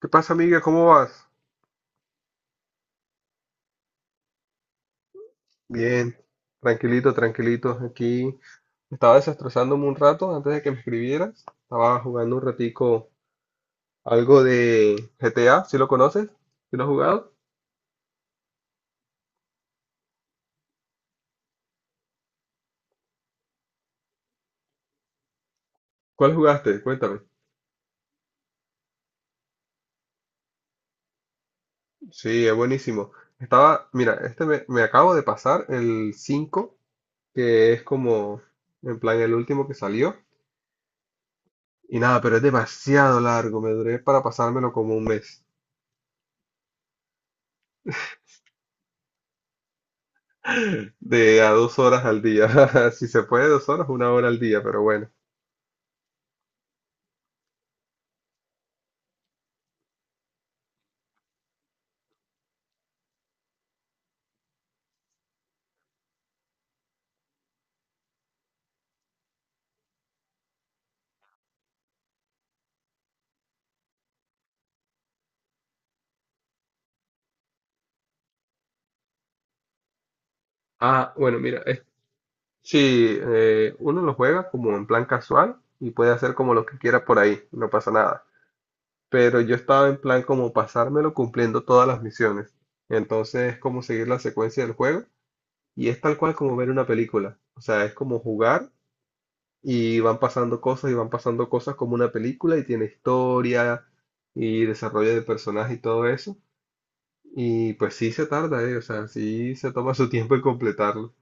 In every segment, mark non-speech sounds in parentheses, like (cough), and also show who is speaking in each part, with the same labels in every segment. Speaker 1: ¿Qué pasa, amiga? ¿Cómo vas? Bien, tranquilito, tranquilito. Aquí estaba desestresándome un rato antes de que me escribieras. Estaba jugando un ratico algo de GTA, ¿si lo conoces? ¿Sí lo has jugado? ¿Cuál jugaste? Cuéntame. Sí, es buenísimo. Estaba, mira, me acabo de pasar el 5, que es como, en plan, el último que salió. Y nada, pero es demasiado largo. Me duré para pasármelo como un mes. De a 2 horas al día. (laughs) Si se puede, 2 horas, 1 hora al día, pero bueno. Ah, bueno, mira, sí, uno lo juega como en plan casual y puede hacer como lo que quiera por ahí, no pasa nada. Pero yo estaba en plan como pasármelo cumpliendo todas las misiones. Entonces es como seguir la secuencia del juego y es tal cual como ver una película. O sea, es como jugar y van pasando cosas y van pasando cosas como una película y tiene historia y desarrollo de personaje y todo eso. Y pues sí se tarda, o sea, sí se toma su tiempo en completarlo.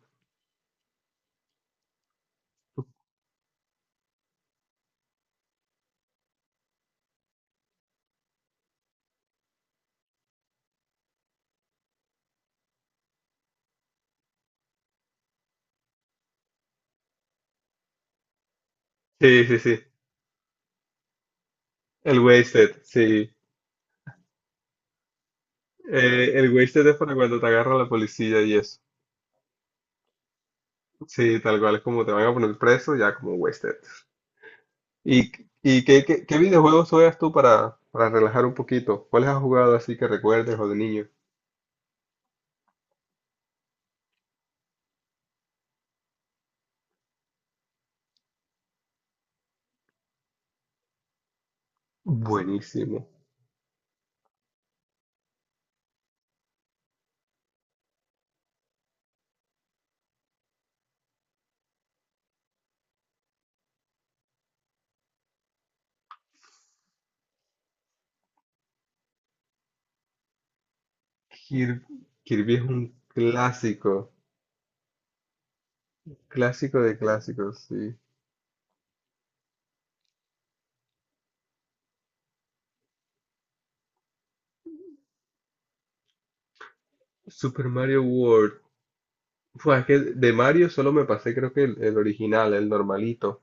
Speaker 1: Sí, sí, sí. El wasted, sí. El wasted es para cuando te agarra la policía y eso. Sí, tal cual, es como te van a poner preso, ya como wasted. ¿Y, y qué videojuegos juegas tú para relajar un poquito? ¿Cuáles has jugado así que recuerdes o de niño? Buenísimo. Kir- Kirby es un clásico, clásico de clásicos, sí. Super Mario World. Fue es que de Mario solo me pasé, creo que el original, el normalito.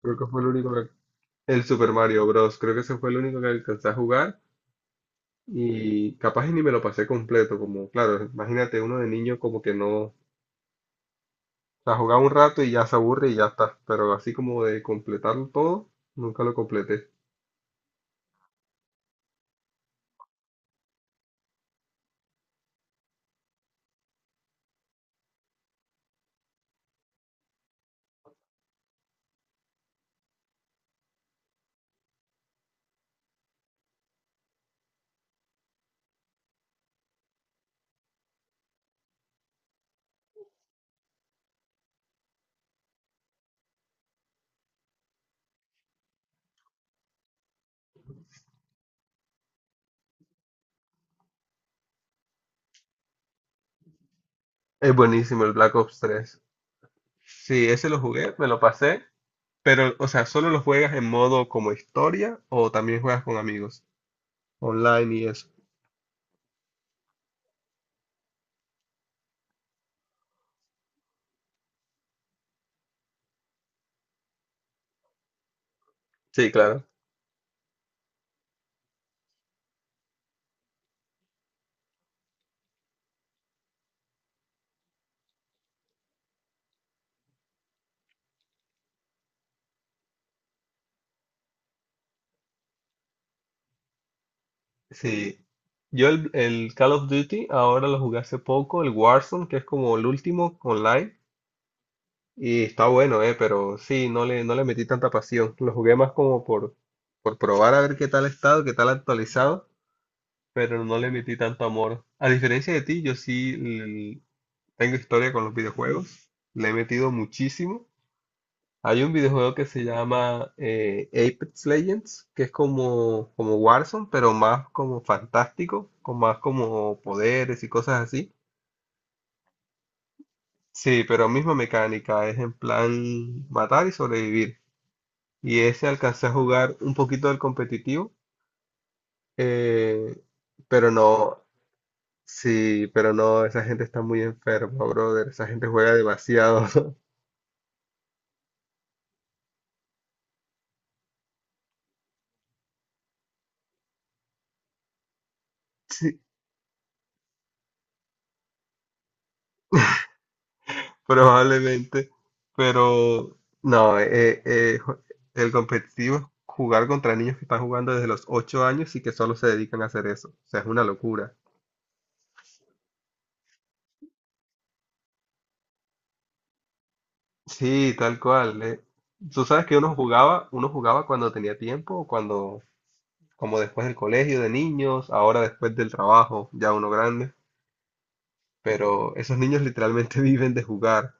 Speaker 1: Creo que fue el único que- El Super Mario Bros. Creo que ese fue el único que alcancé a jugar. Y capaz y ni me lo pasé completo. Como, claro, imagínate uno de niño como que no. O sea, jugaba un rato y ya se aburre y ya está. Pero así como de completarlo todo, nunca lo completé. Es buenísimo el Black Ops 3. Sí, ese lo jugué, me lo pasé. Pero, o sea, ¿solo lo juegas en modo como historia o también juegas con amigos? Online y eso. Sí, claro. Sí. Yo el Call of Duty ahora lo jugué hace poco, el Warzone, que es como el último online, y está bueno, pero sí, no le metí tanta pasión. Lo jugué más como por probar a ver qué tal ha estado, qué tal ha actualizado, pero no le metí tanto amor. A diferencia de ti, tengo historia con los videojuegos, le he metido muchísimo. Hay un videojuego que se llama Apex Legends, que es como, como Warzone, pero más como fantástico, con más como poderes y cosas así. Sí, pero misma mecánica, es en plan matar y sobrevivir. Y ese alcancé a jugar un poquito del competitivo, eh, pero no, sí, pero no, esa gente está muy enferma, brother. Esa gente juega demasiado. (laughs) Probablemente, pero no, el competitivo es jugar contra niños que están jugando desde los 8 años y que solo se dedican a hacer eso. O sea, es una locura. Sí, tal cual. Tú sabes que uno jugaba cuando tenía tiempo, cuando, como después del colegio de niños, ahora después del trabajo, ya uno grande, pero esos niños literalmente (laughs) viven de jugar.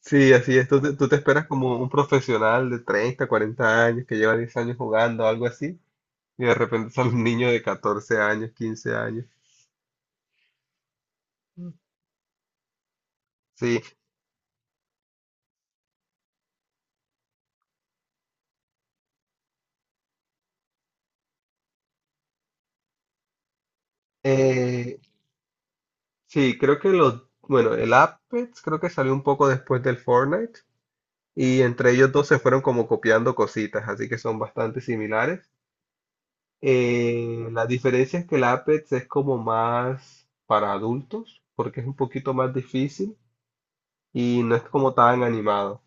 Speaker 1: Sí, así es. Tú te esperas como un profesional de 30, 40 años que lleva 10 años jugando, algo así. Y de repente sale un niño de 14 años, 15 años. Sí, eh, sí, creo que bueno, el Apex creo que salió un poco después del Fortnite y entre ellos dos se fueron como copiando cositas, así que son bastante similares. La diferencia es que el Apex es como más para adultos, porque es un poquito más difícil y no es como tan animado.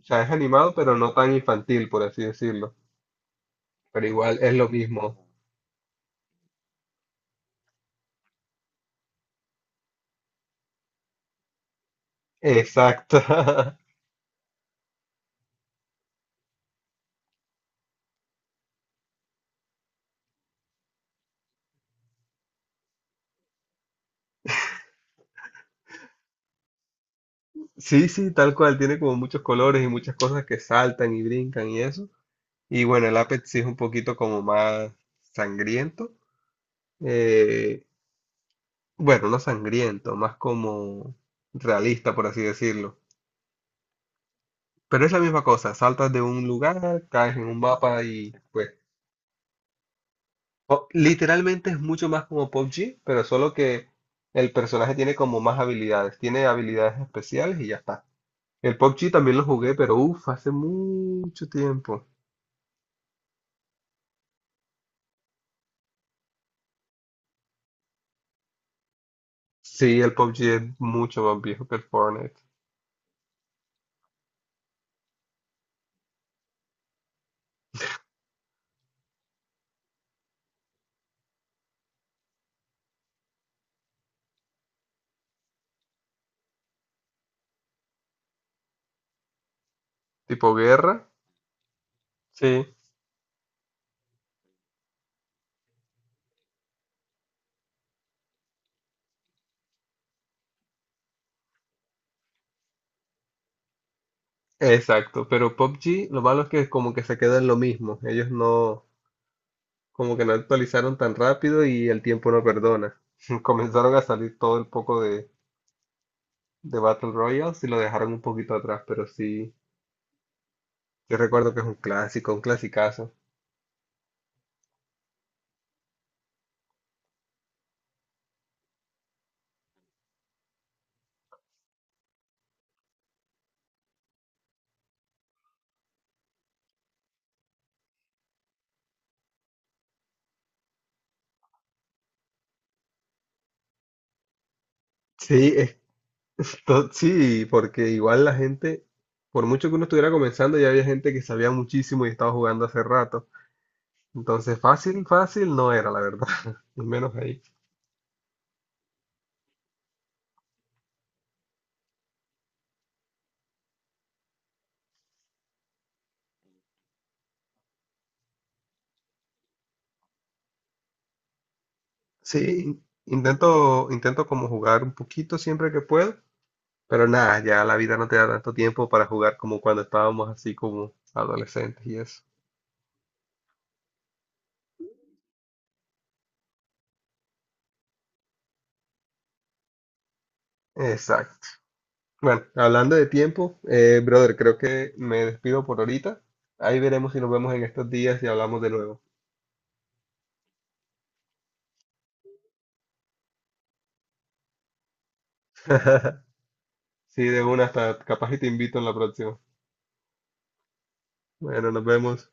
Speaker 1: O sea, es animado, pero no tan infantil, por así decirlo. Pero igual es lo mismo. Exacto. (laughs) Sí, sí, tal cual, tiene como muchos colores y muchas cosas que saltan y brincan y eso. Y bueno, el Apex sí es un poquito como más sangriento. eh, bueno, no sangriento, más como realista, por así decirlo. Pero es la misma cosa, saltas de un lugar, caes en un mapa y pues literalmente es mucho más como PUBG, pero solo que el personaje tiene como más habilidades, tiene habilidades especiales y ya está. El PUBG también lo jugué, pero uff, hace mucho tiempo. Sí, el PUBG es mucho más viejo que el Fortnite. Tipo guerra, sí, exacto. Pero PUBG, lo malo es que como que se queda en lo mismo. Ellos no, como que no actualizaron tan rápido y el tiempo no perdona. (laughs) Comenzaron a salir todo el poco de, Battle Royales y lo dejaron un poquito atrás, pero sí, yo recuerdo que es un clásico, un clasicazo. Sí, es que sí, porque igual la gente, por mucho que uno estuviera comenzando, ya había gente que sabía muchísimo y estaba jugando hace rato. Entonces, fácil, fácil no era, la verdad, (laughs) al menos ahí. Sí, intento como jugar un poquito siempre que puedo, pero nada, ya la vida no te da tanto tiempo para jugar como cuando estábamos así como adolescentes y eso. Exacto. Bueno, hablando de tiempo, brother, creo que me despido por ahorita. Ahí veremos si nos vemos en estos días y hablamos de nuevo. Sí, de una hasta capaz y te invito en la próxima. Bueno, nos vemos.